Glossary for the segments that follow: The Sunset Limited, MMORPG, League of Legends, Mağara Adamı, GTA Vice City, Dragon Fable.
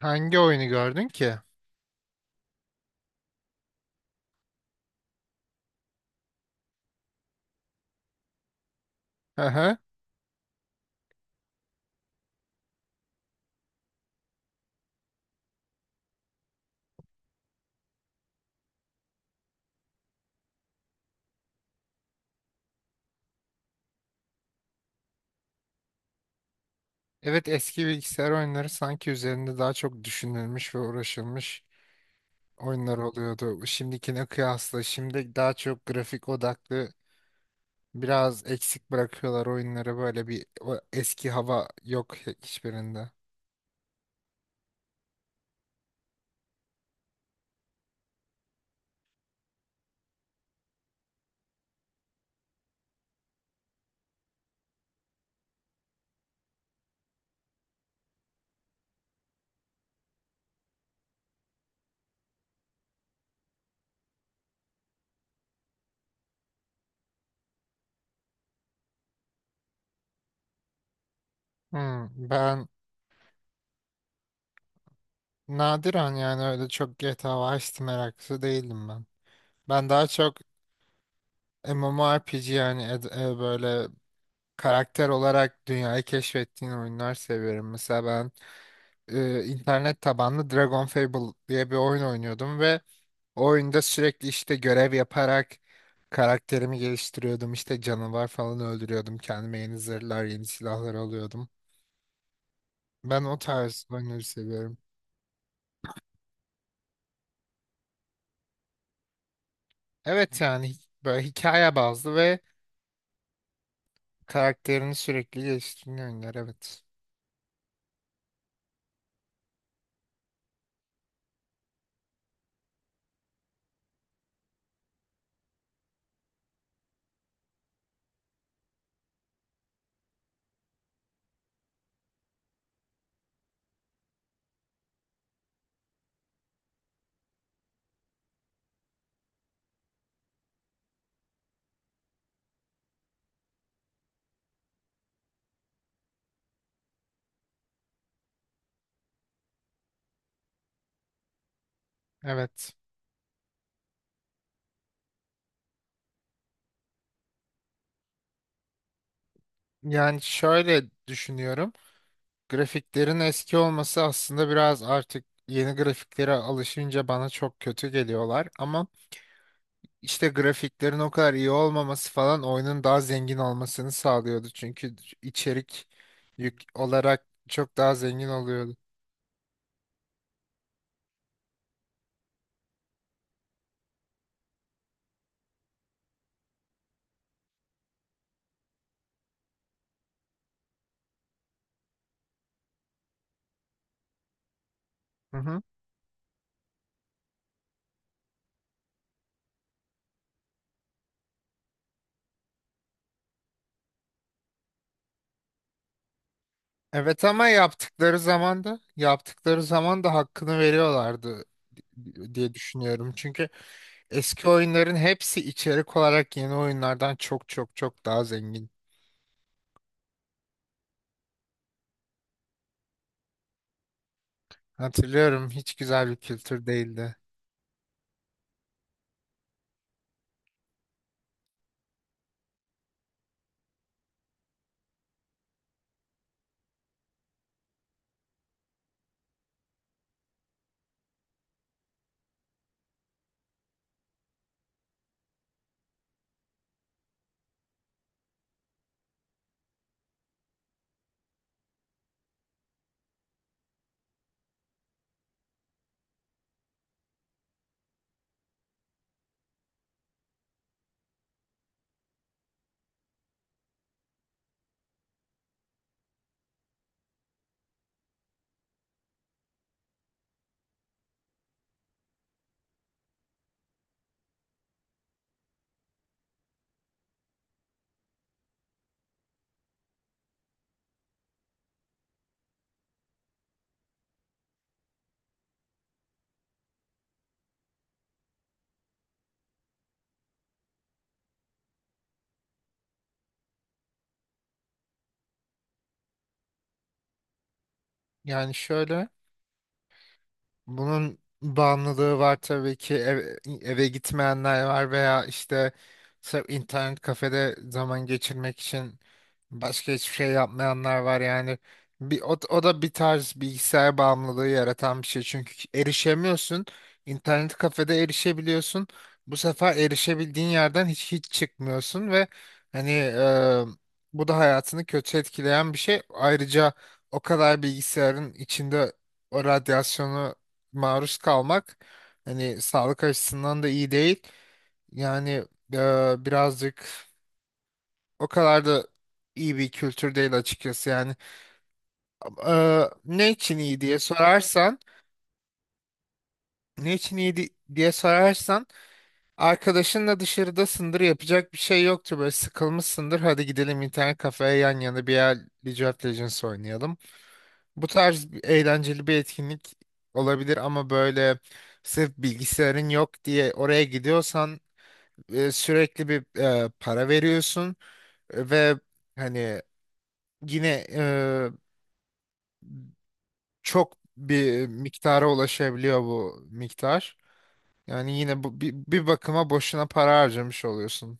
Hangi oyunu gördün ki? Hı hı. Evet, eski bilgisayar oyunları sanki üzerinde daha çok düşünülmüş ve uğraşılmış oyunlar oluyordu. Şimdikine kıyasla şimdi daha çok grafik odaklı, biraz eksik bırakıyorlar oyunları, böyle bir o eski hava yok hiçbirinde. Hmm, ben nadiren yani, öyle çok GTA Vice City meraklısı değildim ben. Ben daha çok MMORPG yani böyle karakter olarak dünyayı keşfettiğin oyunlar seviyorum. Mesela ben internet tabanlı Dragon Fable diye bir oyun oynuyordum ve o oyunda sürekli işte görev yaparak karakterimi geliştiriyordum. İşte canavar falan öldürüyordum. Kendime yeni zırhlar, yeni silahlar alıyordum. Ben o tarz oyunları seviyorum. Evet yani hi- Böyle hikaye bazlı ve karakterini sürekli geliştiren oyunlar, evet. Evet. Yani şöyle düşünüyorum. Grafiklerin eski olması aslında biraz, artık yeni grafiklere alışınca bana çok kötü geliyorlar ama İşte grafiklerin o kadar iyi olmaması falan oyunun daha zengin olmasını sağlıyordu. Çünkü içerik yük olarak çok daha zengin oluyordu. Hı hı. Evet ama yaptıkları zaman da hakkını veriyorlardı diye düşünüyorum. Çünkü eski oyunların hepsi içerik olarak yeni oyunlardan çok çok çok daha zengin. Hatırlıyorum, hiç güzel bir kültür değildi. Yani şöyle, bunun bağımlılığı var tabii ki, eve gitmeyenler var veya işte sırf internet kafede zaman geçirmek için başka hiçbir şey yapmayanlar var yani. O da bir tarz bilgisayar bağımlılığı yaratan bir şey, çünkü erişemiyorsun. İnternet kafede erişebiliyorsun. Bu sefer erişebildiğin yerden hiç çıkmıyorsun ve hani bu da hayatını kötü etkileyen bir şey. Ayrıca o kadar bilgisayarın içinde o radyasyonu maruz kalmak hani sağlık açısından da iyi değil. Yani birazcık, o kadar da iyi bir kültür değil açıkçası yani. Ne için iyi diye sorarsan, ne için iyi di- diye sorarsan, arkadaşınla dışarıdasındır, yapacak bir şey yoktur, böyle sıkılmışsındır, hadi gidelim internet kafeye yan yana bir yer League of Legends oynayalım. Eğlenceli bir etkinlik olabilir ama böyle sırf bilgisayarın yok diye oraya gidiyorsan sürekli bir para veriyorsun ve hani yine çok bir miktara ulaşabiliyor bu miktar. Yani yine bu bir bakıma boşuna para harcamış oluyorsun.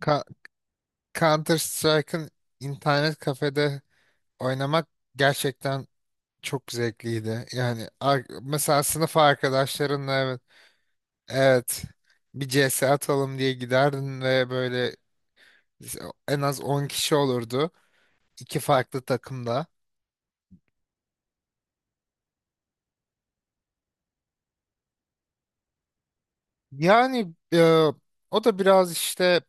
Ka- Counter Strike'ın internet kafede oynamak gerçekten çok zevkliydi. Yani mesela sınıf arkadaşlarınla, evet, evet, bir CS atalım diye giderdin ve böyle en az 10 kişi olurdu, iki farklı takımda. Yani o da biraz işte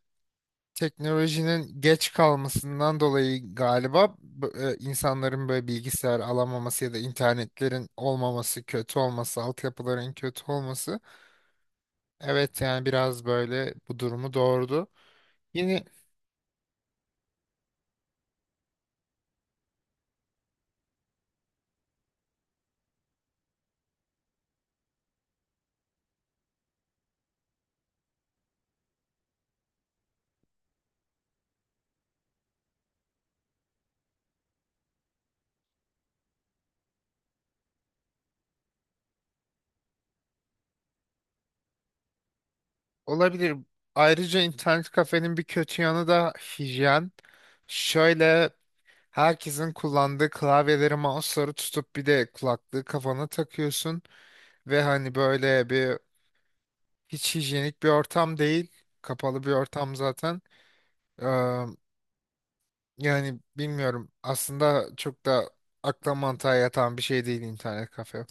teknolojinin geç kalmasından dolayı galiba, insanların böyle bilgisayar alamaması ya da internetlerin olmaması, kötü olması, altyapıların kötü olması. Evet yani biraz böyle bu durumu doğurdu. Yine olabilir. Ayrıca internet kafenin bir kötü yanı da hijyen. Şöyle, herkesin kullandığı klavyeleri, mouse'ları tutup bir de kulaklığı kafana takıyorsun. Ve hani böyle bir, hiç hijyenik bir ortam değil. Kapalı bir ortam zaten. Ee, Yani bilmiyorum, aslında çok da akla mantığa yatan bir şey değil internet kafe.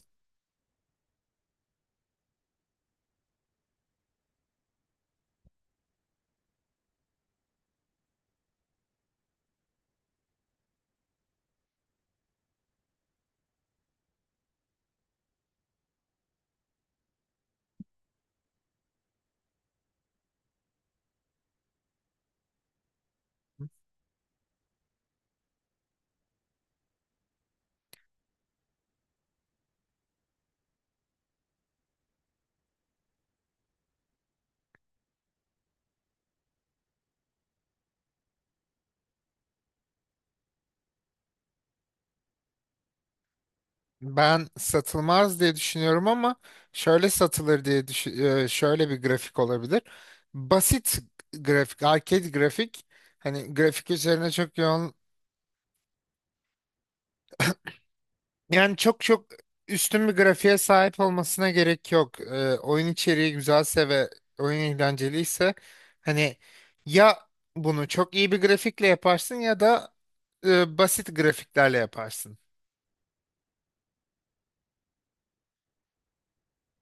Ben satılmaz diye düşünüyorum ama şöyle satılır diye düşün, şöyle bir grafik olabilir. Basit grafik, arcade grafik. Hani grafik üzerine çok yoğun, yani çok çok üstün bir grafiğe sahip olmasına gerek yok. Oyun içeriği güzelse ve oyun eğlenceliyse hani, ya bunu çok iyi bir grafikle yaparsın ya da basit grafiklerle yaparsın.